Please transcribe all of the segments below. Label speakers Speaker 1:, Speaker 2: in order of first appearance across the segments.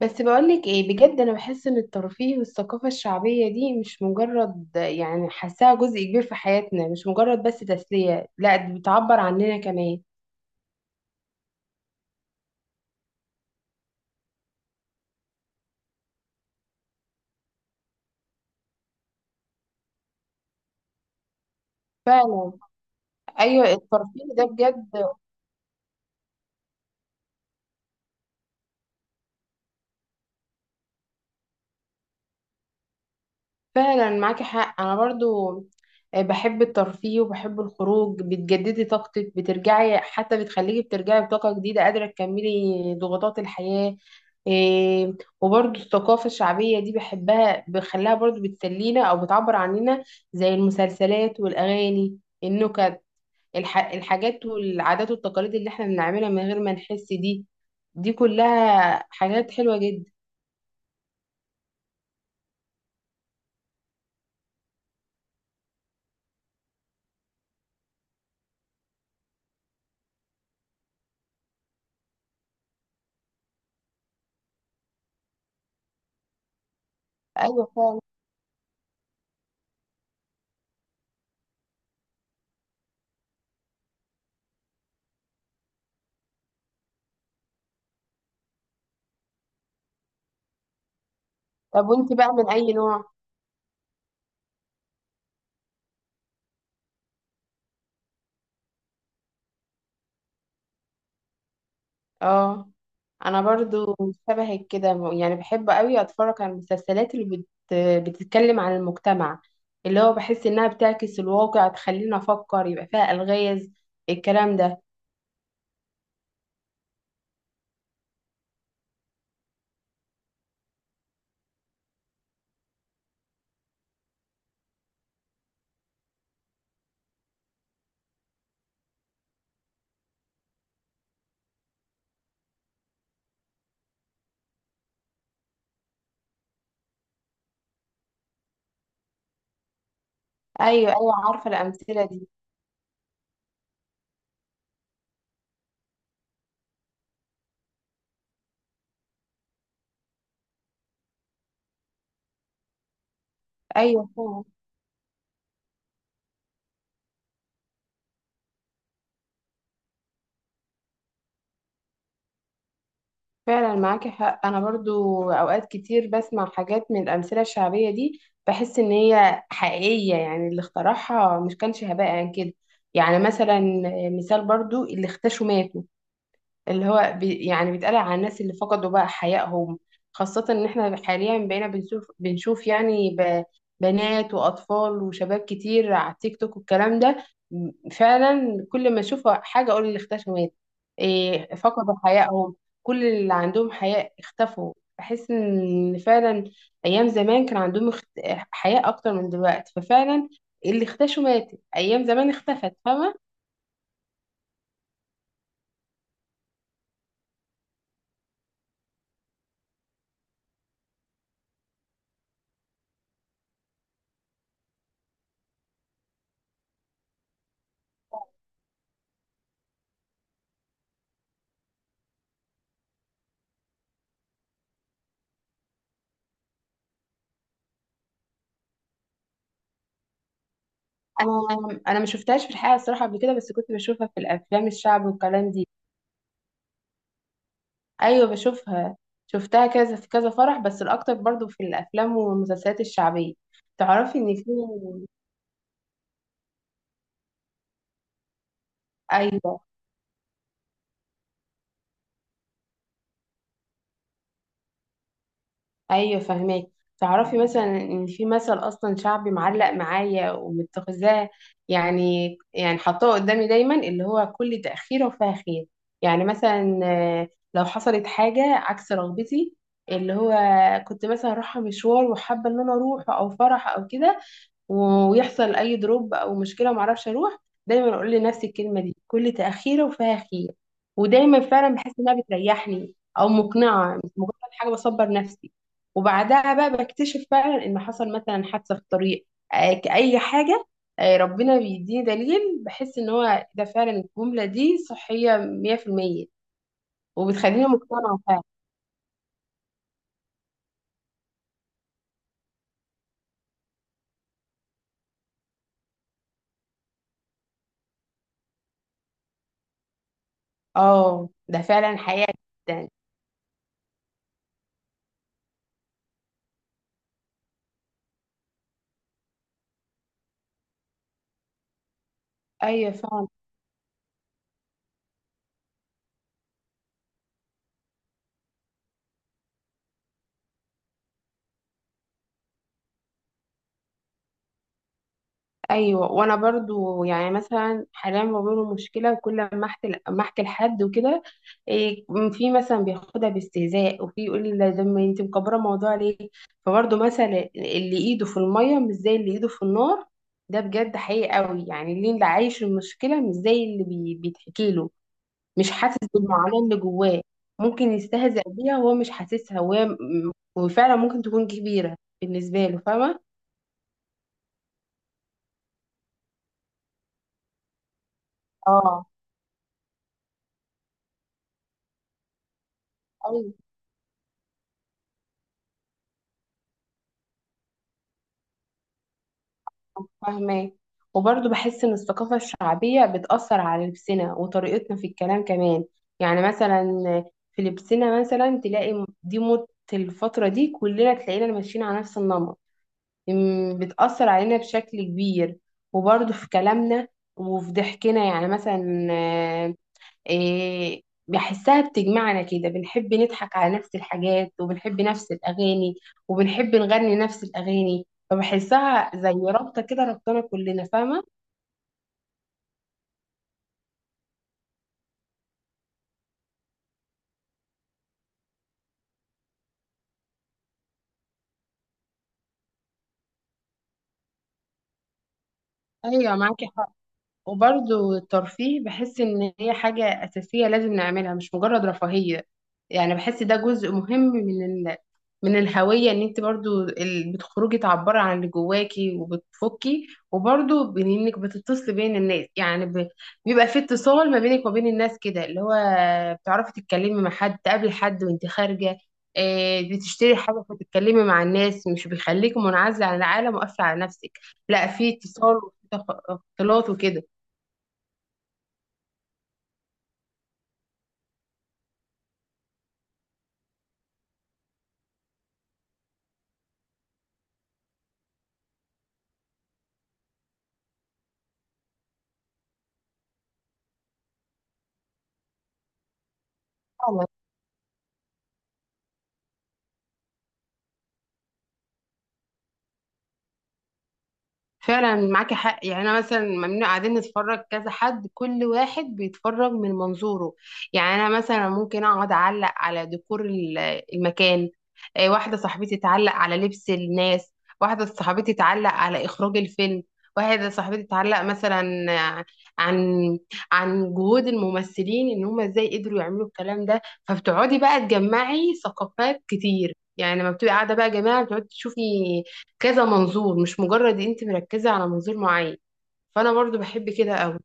Speaker 1: بس بقولك ايه بجد، انا بحس ان الترفيه والثقافة الشعبية دي مش مجرد، حاساها جزء كبير في حياتنا، مش مجرد بس تسلية، لا دي بتعبر عننا كمان. فعلا. ايوه الترفيه ده بجد. فعلا معاكي حق، انا برضو آه، بحب الترفيه وبحب الخروج، بتجددي طاقتك، بترجعي، حتى بتخليكي بترجعي بطاقة جديدة قادرة تكملي ضغوطات الحياة. إيه. وبرضو الثقافة الشعبية دي بحبها، بخليها برضو بتسلينا او بتعبر عننا، زي المسلسلات والاغاني النكت، الحاجات والعادات والتقاليد اللي احنا بنعملها من غير ما نحس دي، دي كلها حاجات حلوة جدا. ايوه فعلا. طب وانت بقى من اي نوع؟ اه انا برضو شبهك كده، يعني بحب قوي اتفرج على المسلسلات اللي بتتكلم عن المجتمع، اللي هو بحس انها بتعكس الواقع، تخلينا افكر، يبقى فيها الغاز الكلام ده. ايوه ايوه، عارفه الامثله دي. ايوه فعلا. فعلا معاكي حق، انا برضو اوقات كتير بسمع حاجات من الامثله الشعبيه دي، بحس ان هي حقيقيه، يعني اللي اخترعها مش كانش هباء عن كده. يعني مثلا، مثال برضو اللي اختشوا ماتوا، اللي هو يعني بيتقال على الناس اللي فقدوا بقى حيائهم. خاصة ان احنا حاليا بقينا بنشوف، يعني بنات واطفال وشباب كتير على التيك توك والكلام ده. فعلا كل ما اشوف حاجة اقول اللي اختفوا مات. إيه، فقدوا حيائهم، كل اللي عندهم حياء اختفوا، بحس ان فعلا ايام زمان كان عندهم حياء اكتر من دلوقتي، ففعلا اللي اختشوا ماتت، ايام زمان اختفت فاهمة. انا ما شفتهاش في الحقيقه الصراحه قبل كده، بس كنت بشوفها في الافلام الشعب والكلام دي. ايوه بشوفها، شفتها كذا في كذا فرح، بس الاكتر برضو في الافلام والمسلسلات الشعبيه. تعرفي ان في، ايوه ايوه فهماك. تعرفي مثلا ان في مثل اصلا شعبي معلق معايا ومتخذاه، يعني حطاه قدامي دايما، اللي هو كل تاخير وفاه خير. يعني مثلا آه، لو حصلت حاجه عكس رغبتي، اللي هو كنت مثلا رايحه مشوار وحابه ان انا اروح او فرح او كده، ويحصل اي دروب او مشكله وما اعرفش اروح، دايما اقول لنفسي الكلمه دي، كل تاخيره وفيها خير. ودايما فعلا بحس انها بتريحني او مقنعه، مش مجرد حاجه بصبر نفسي. وبعدها بقى بكتشف فعلا ان حصل مثلا حادثه في الطريق، آه، كأي حاجه، آه، ربنا بيديني دليل، بحس ان هو ده فعلا. الجمله دي صحيه 100%، وبتخليني مقتنعه فعلا. اه ده فعلا حقيقه جدا. ايوه فعلا. ايوه، وانا برضو يعني مثلا حاليا بواجه مشكله كل ما احكي، لحد وكده. إيه، في مثلا بياخدها باستهزاء، وفي يقول لي ده ما انت مكبره الموضوع ليه. فبرضو مثلا اللي ايده في الميه مش زي اللي ايده في النار، ده بجد حقيقي قوي، يعني اللي عايش المشكله مش زي اللي بيتحكي له، مش حاسس بالمعاناه اللي جواه، ممكن يستهزأ بيها وهو مش حاسسها، وهي وفعلا ممكن تكون كبيره بالنسبه له، فاهمه. اه فاهمة. وبرضه بحس إن الثقافة الشعبية بتأثر على لبسنا وطريقتنا في الكلام كمان. يعني مثلا في لبسنا مثلا تلاقي دي موضة الفترة دي، كلنا تلاقينا ماشيين على نفس النمط، أم، بتأثر علينا بشكل كبير. وبرضه في كلامنا وفي ضحكنا، يعني مثلا إيه، بحسها بتجمعنا كده، بنحب نضحك على نفس الحاجات، وبنحب نفس الأغاني، وبنحب نغني نفس الأغاني، فبحسها زي رابطة كده ربطنا كلنا، فاهمة؟ أيوة معاكي. وبرضو الترفيه بحس إن هي حاجة أساسية لازم نعملها، مش مجرد رفاهية. يعني بحس ده جزء مهم من من الهوية، إن أنت برضو بتخرجي تعبري عن اللي جواكي وبتفكي. وبرضو إنك بتتصلي بين الناس، يعني بيبقى في اتصال ما بينك وما بين الناس، كده اللي هو بتعرفي تتكلمي مع حد، تقابلي حد وأنت خارجة آه، بتشتري حاجة فتتكلمي مع الناس، مش بيخليكي منعزلة عن العالم وقافلة على نفسك. لا، في اتصال وفي اختلاط وكده. فعلا. فعلا معاكي حق، يعني انا مثلا ممنوع قاعدين نتفرج كذا حد، كل واحد بيتفرج من منظوره. يعني انا مثلا ممكن اقعد اعلق على ديكور المكان، آه، واحده صاحبتي تعلق على لبس الناس، واحده صاحبتي تعلق على اخراج الفيلم، واحده صاحبتي تعلق مثلا آه، عن عن جهود الممثلين ان هم ازاي قدروا يعملوا الكلام ده. فبتقعدي بقى تجمعي ثقافات كتير، يعني لما بتبقي قاعده بقى جماعه، بتقعدي تشوفي كذا منظور، مش مجرد انت مركزة على منظور معين. فانا برضو بحب كده قوي.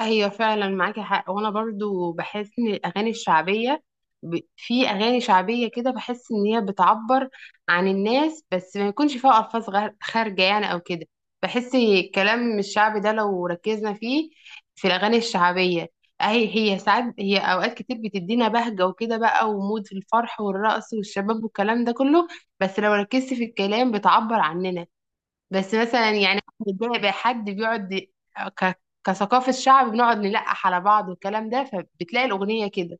Speaker 1: ايوه فعلا معاكي حق، وانا برضو بحس ان الاغاني الشعبية، في اغاني شعبية كده بحس ان هي بتعبر عن الناس، بس ما يكونش فيها الفاظ خارجة يعني او كده. بحس الكلام الشعبي ده لو ركزنا فيه، في الاغاني الشعبية، اهي هي ساعات هي اوقات كتير بتدينا بهجة وكده بقى، ومود في الفرح والرقص والشباب والكلام ده كله، بس لو ركزت في الكلام بتعبر عننا. بس مثلا يعني أنا بتضايق بقى حد بيقعد كثقافة شعب بنقعد نلقح على بعض والكلام ده، فبتلاقي الأغنية كده.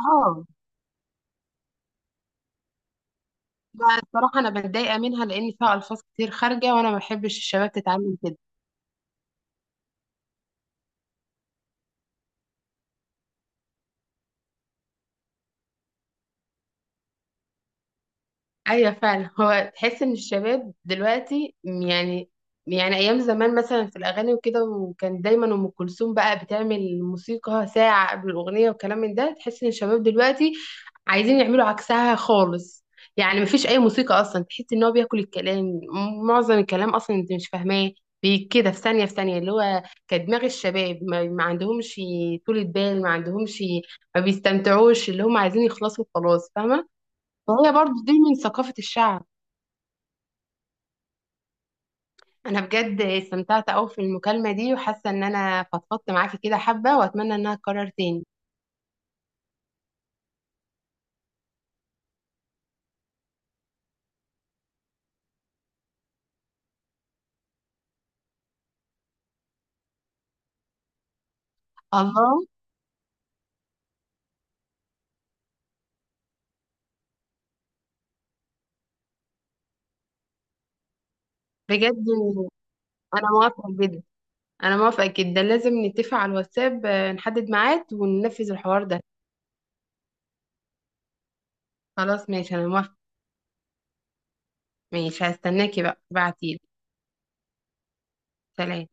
Speaker 1: اه لا الصراحة أنا بتضايق منها لأن فيها ألفاظ كتير خارجة، وأنا ما بحبش الشباب تتعامل كده. ايوه فعلا، هو تحس ان الشباب دلوقتي يعني، يعني ايام زمان مثلا في الاغاني وكده، وكان دايما ام كلثوم بقى بتعمل موسيقى ساعه قبل الاغنيه وكلام من ده، تحس ان الشباب دلوقتي عايزين يعملوا عكسها خالص. يعني مفيش اي موسيقى اصلا، تحس ان هو بياكل الكلام، معظم الكلام اصلا انت مش فاهماه، كده في ثانيه في ثانيه، اللي هو كدماغ الشباب ما عندهمش طولة بال، ما عندهمش، ما بيستمتعوش، اللي هم عايزين يخلصوا خلاص فاهمه. وهي برضو دي من ثقافة الشعب. أنا بجد استمتعت أوي في المكالمة دي، وحاسة إن أنا فضفضت معاكي كده حبة، وأتمنى إنها تتكرر تاني. الله. بجد أنا موافقة جدا. أنا موافقة جدا، لازم نتفق على الواتساب آه، نحدد ميعاد وننفذ الحوار ده. خلاص ماشي أنا موافقة. ماشي هستناكي بقى ابعتيلي. سلام.